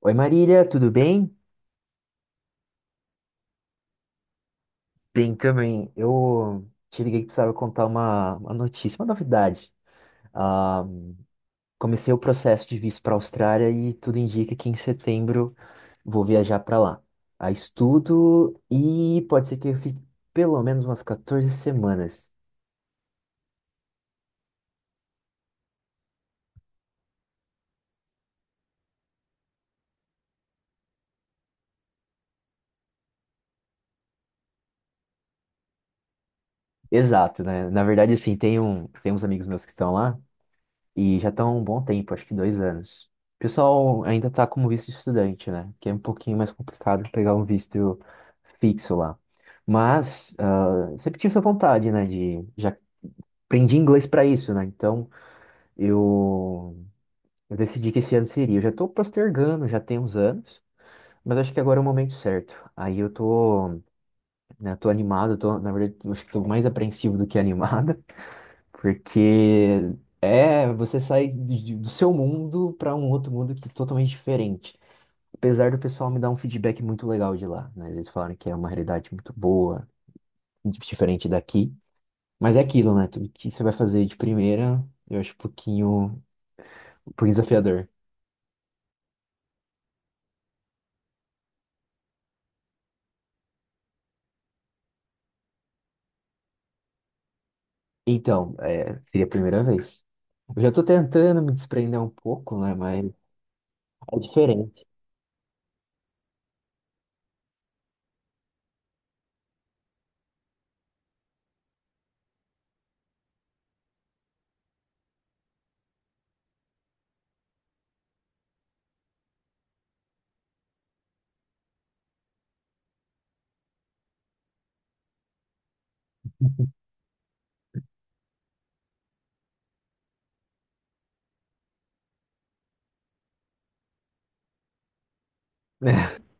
Oi, Marília, tudo bem? Bem também. Eu te liguei que precisava contar uma notícia, uma novidade. Ah, Comecei o processo de visto para a Austrália e tudo indica que em setembro vou viajar para lá. A estudo e pode ser que eu fique pelo menos umas 14 semanas. Exato, né? Na verdade, assim, tem uns amigos meus que estão lá. E já estão há um bom tempo, acho que 2 anos. O pessoal ainda está como visto estudante, né? Que é um pouquinho mais complicado pegar um visto fixo lá. Mas sempre tive essa vontade, né? De já aprendi inglês para isso, né? Então eu, eu decidi que esse ano seria. Eu já estou postergando, já tem uns anos, mas acho que agora é o momento certo. Aí eu tô, né, tô animado, tô, na verdade, eu acho que tô mais apreensivo do que animado, porque é você sai do seu mundo para um outro mundo que é totalmente diferente. Apesar do pessoal me dar um feedback muito legal de lá, né? Eles falaram que é uma realidade muito boa, diferente daqui. Mas é aquilo, né? Tudo que você vai fazer de primeira, eu acho um pouquinho desafiador. Então, é, seria a primeira vez. Eu já tô tentando me desprender um pouco, né? Mas é diferente.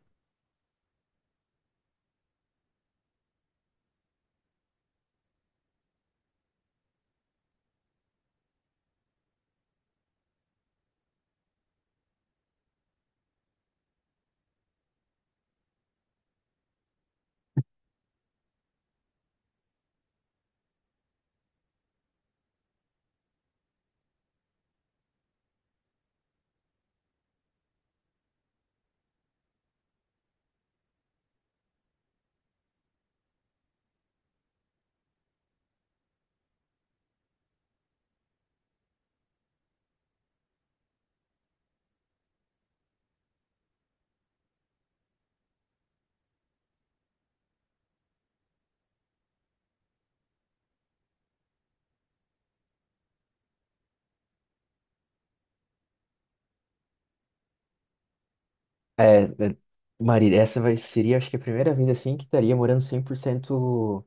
É, é, Marília, essa vai, seria, acho que a primeira vez assim que estaria morando 100%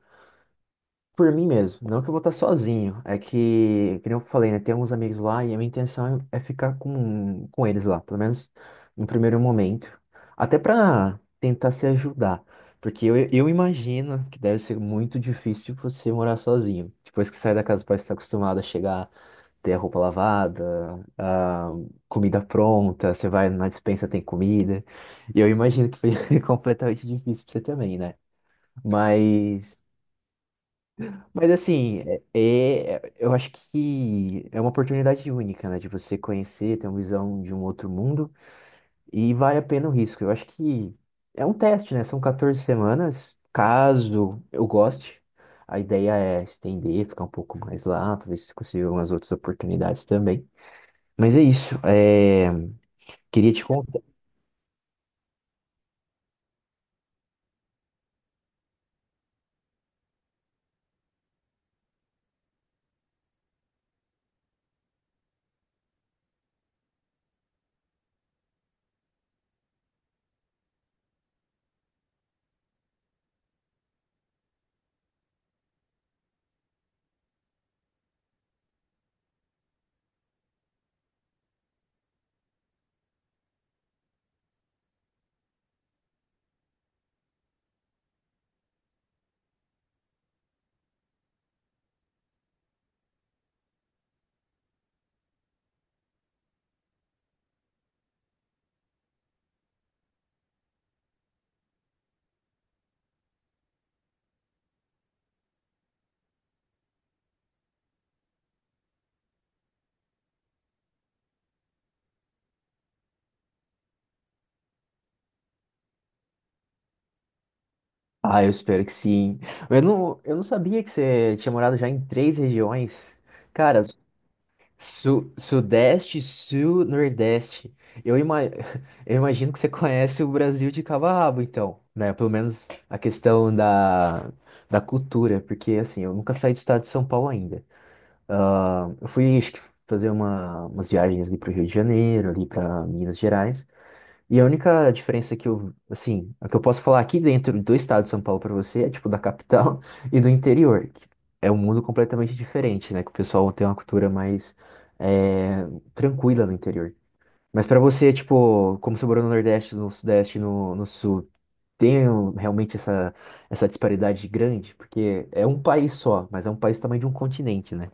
por mim mesmo, não que eu vou estar sozinho. É que, como eu falei, né? Tem uns amigos lá e a minha intenção é ficar com eles lá, pelo menos no primeiro momento. Até para tentar se ajudar. Porque eu imagino que deve ser muito difícil você morar sozinho. Depois que sai da casa, parece que está acostumado a chegar, ter a roupa lavada, a comida pronta, você vai na despensa, tem comida. E eu imagino que foi completamente difícil pra você também, né? Mas. Mas assim, eu acho que é uma oportunidade única, né? De você conhecer, ter uma visão de um outro mundo e vale a pena o risco. Eu acho que é um teste, né? São 14 semanas. Caso eu goste, a ideia é estender, ficar um pouco mais lá, para ver se consigo umas outras oportunidades também. Mas é isso. É, queria te contar. Ah, eu espero que sim. Eu não sabia que você tinha morado já em três regiões. Cara, Sudeste, Sul, Nordeste. Eu, ima- eu imagino que você conhece o Brasil de cabo a rabo, então, né? Pelo menos a questão da, da cultura, porque assim, eu nunca saí do estado de São Paulo ainda. Ah, eu fui fazer uma, umas viagens ali para o Rio de Janeiro, ali para Minas Gerais. E a única diferença que eu, assim, a que eu posso falar aqui dentro do estado de São Paulo pra você é tipo da capital e do interior, que é um mundo completamente diferente, né? Que o pessoal tem uma cultura mais é, tranquila no interior. Mas pra você, tipo, como você morou no Nordeste, no Sudeste, no Sul, realmente essa, essa disparidade grande? Porque é um país só, mas é um país também de um continente, né?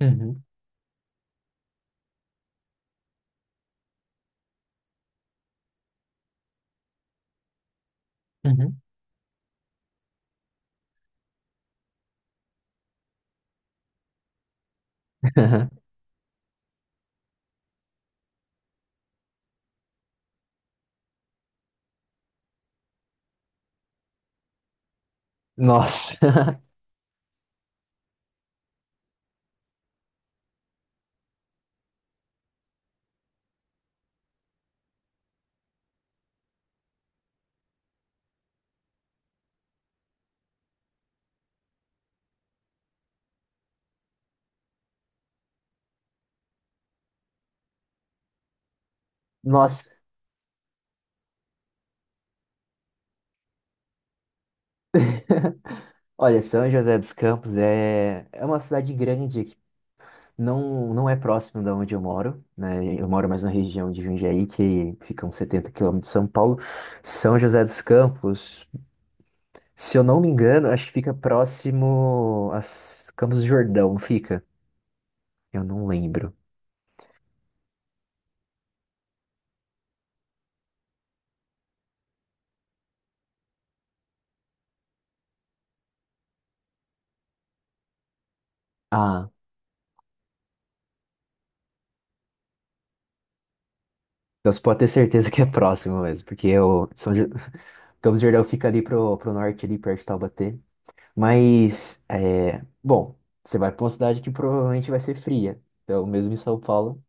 Uhum, uhum. Nossa, nossa. Olha, São José dos Campos é uma cidade grande que não é próximo da onde eu moro, né? Eu moro mais na região de Jundiaí, que fica uns 70 quilômetros de São Paulo. São José dos Campos, se eu não me engano, acho que fica próximo a Campos do Jordão, fica? Eu não lembro. Ah, então você pode ter certeza que é próximo mesmo, porque o Campos do Jordão fica ali pro norte, ali perto de Taubaté. Mas, é, bom, você vai para uma cidade que provavelmente vai ser fria. Então, mesmo em São Paulo,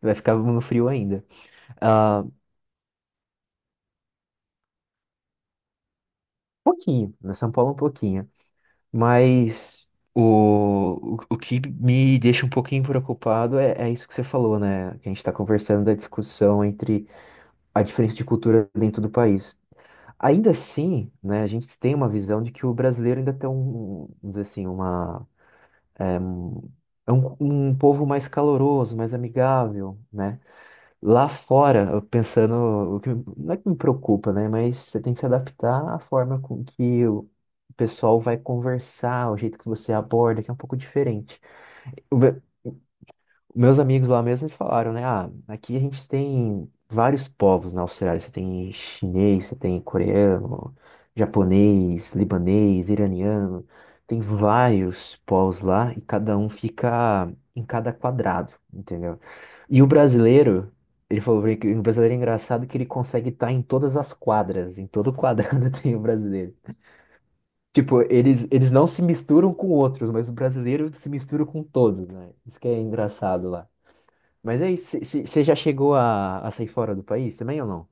vai ficar no frio ainda. Ah, pouquinho, na São Paulo é um pouquinho. Mas o que me deixa um pouquinho preocupado é isso que você falou, né? Que a gente está conversando da discussão entre a diferença de cultura dentro do país. Ainda assim, né, a gente tem uma visão de que o brasileiro ainda tem um, vamos dizer assim, uma É é um povo mais caloroso, mais amigável, né? Lá fora, eu pensando, o que, não é que me preocupa, né? Mas você tem que se adaptar à forma com que o pessoal vai conversar, o jeito que você aborda, que é um pouco diferente. Meus amigos lá mesmo, eles falaram, né? Ah, aqui a gente tem vários povos na Austrália. Você tem chinês, você tem coreano, japonês, libanês, iraniano. Tem vários povos lá e cada um fica em cada quadrado, entendeu? E o brasileiro, ele falou pra mim que o brasileiro é engraçado que ele consegue estar em todas as quadras, em todo quadrado tem o brasileiro. Tipo, eles não se misturam com outros, mas o brasileiro se mistura com todos, né? Isso que é engraçado lá. Mas é isso. Você já chegou a sair fora do país também ou não?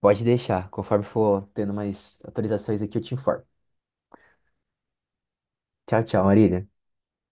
Pode deixar. Conforme for tendo mais atualizações aqui, eu te informo. Tchau, tchau, Marília.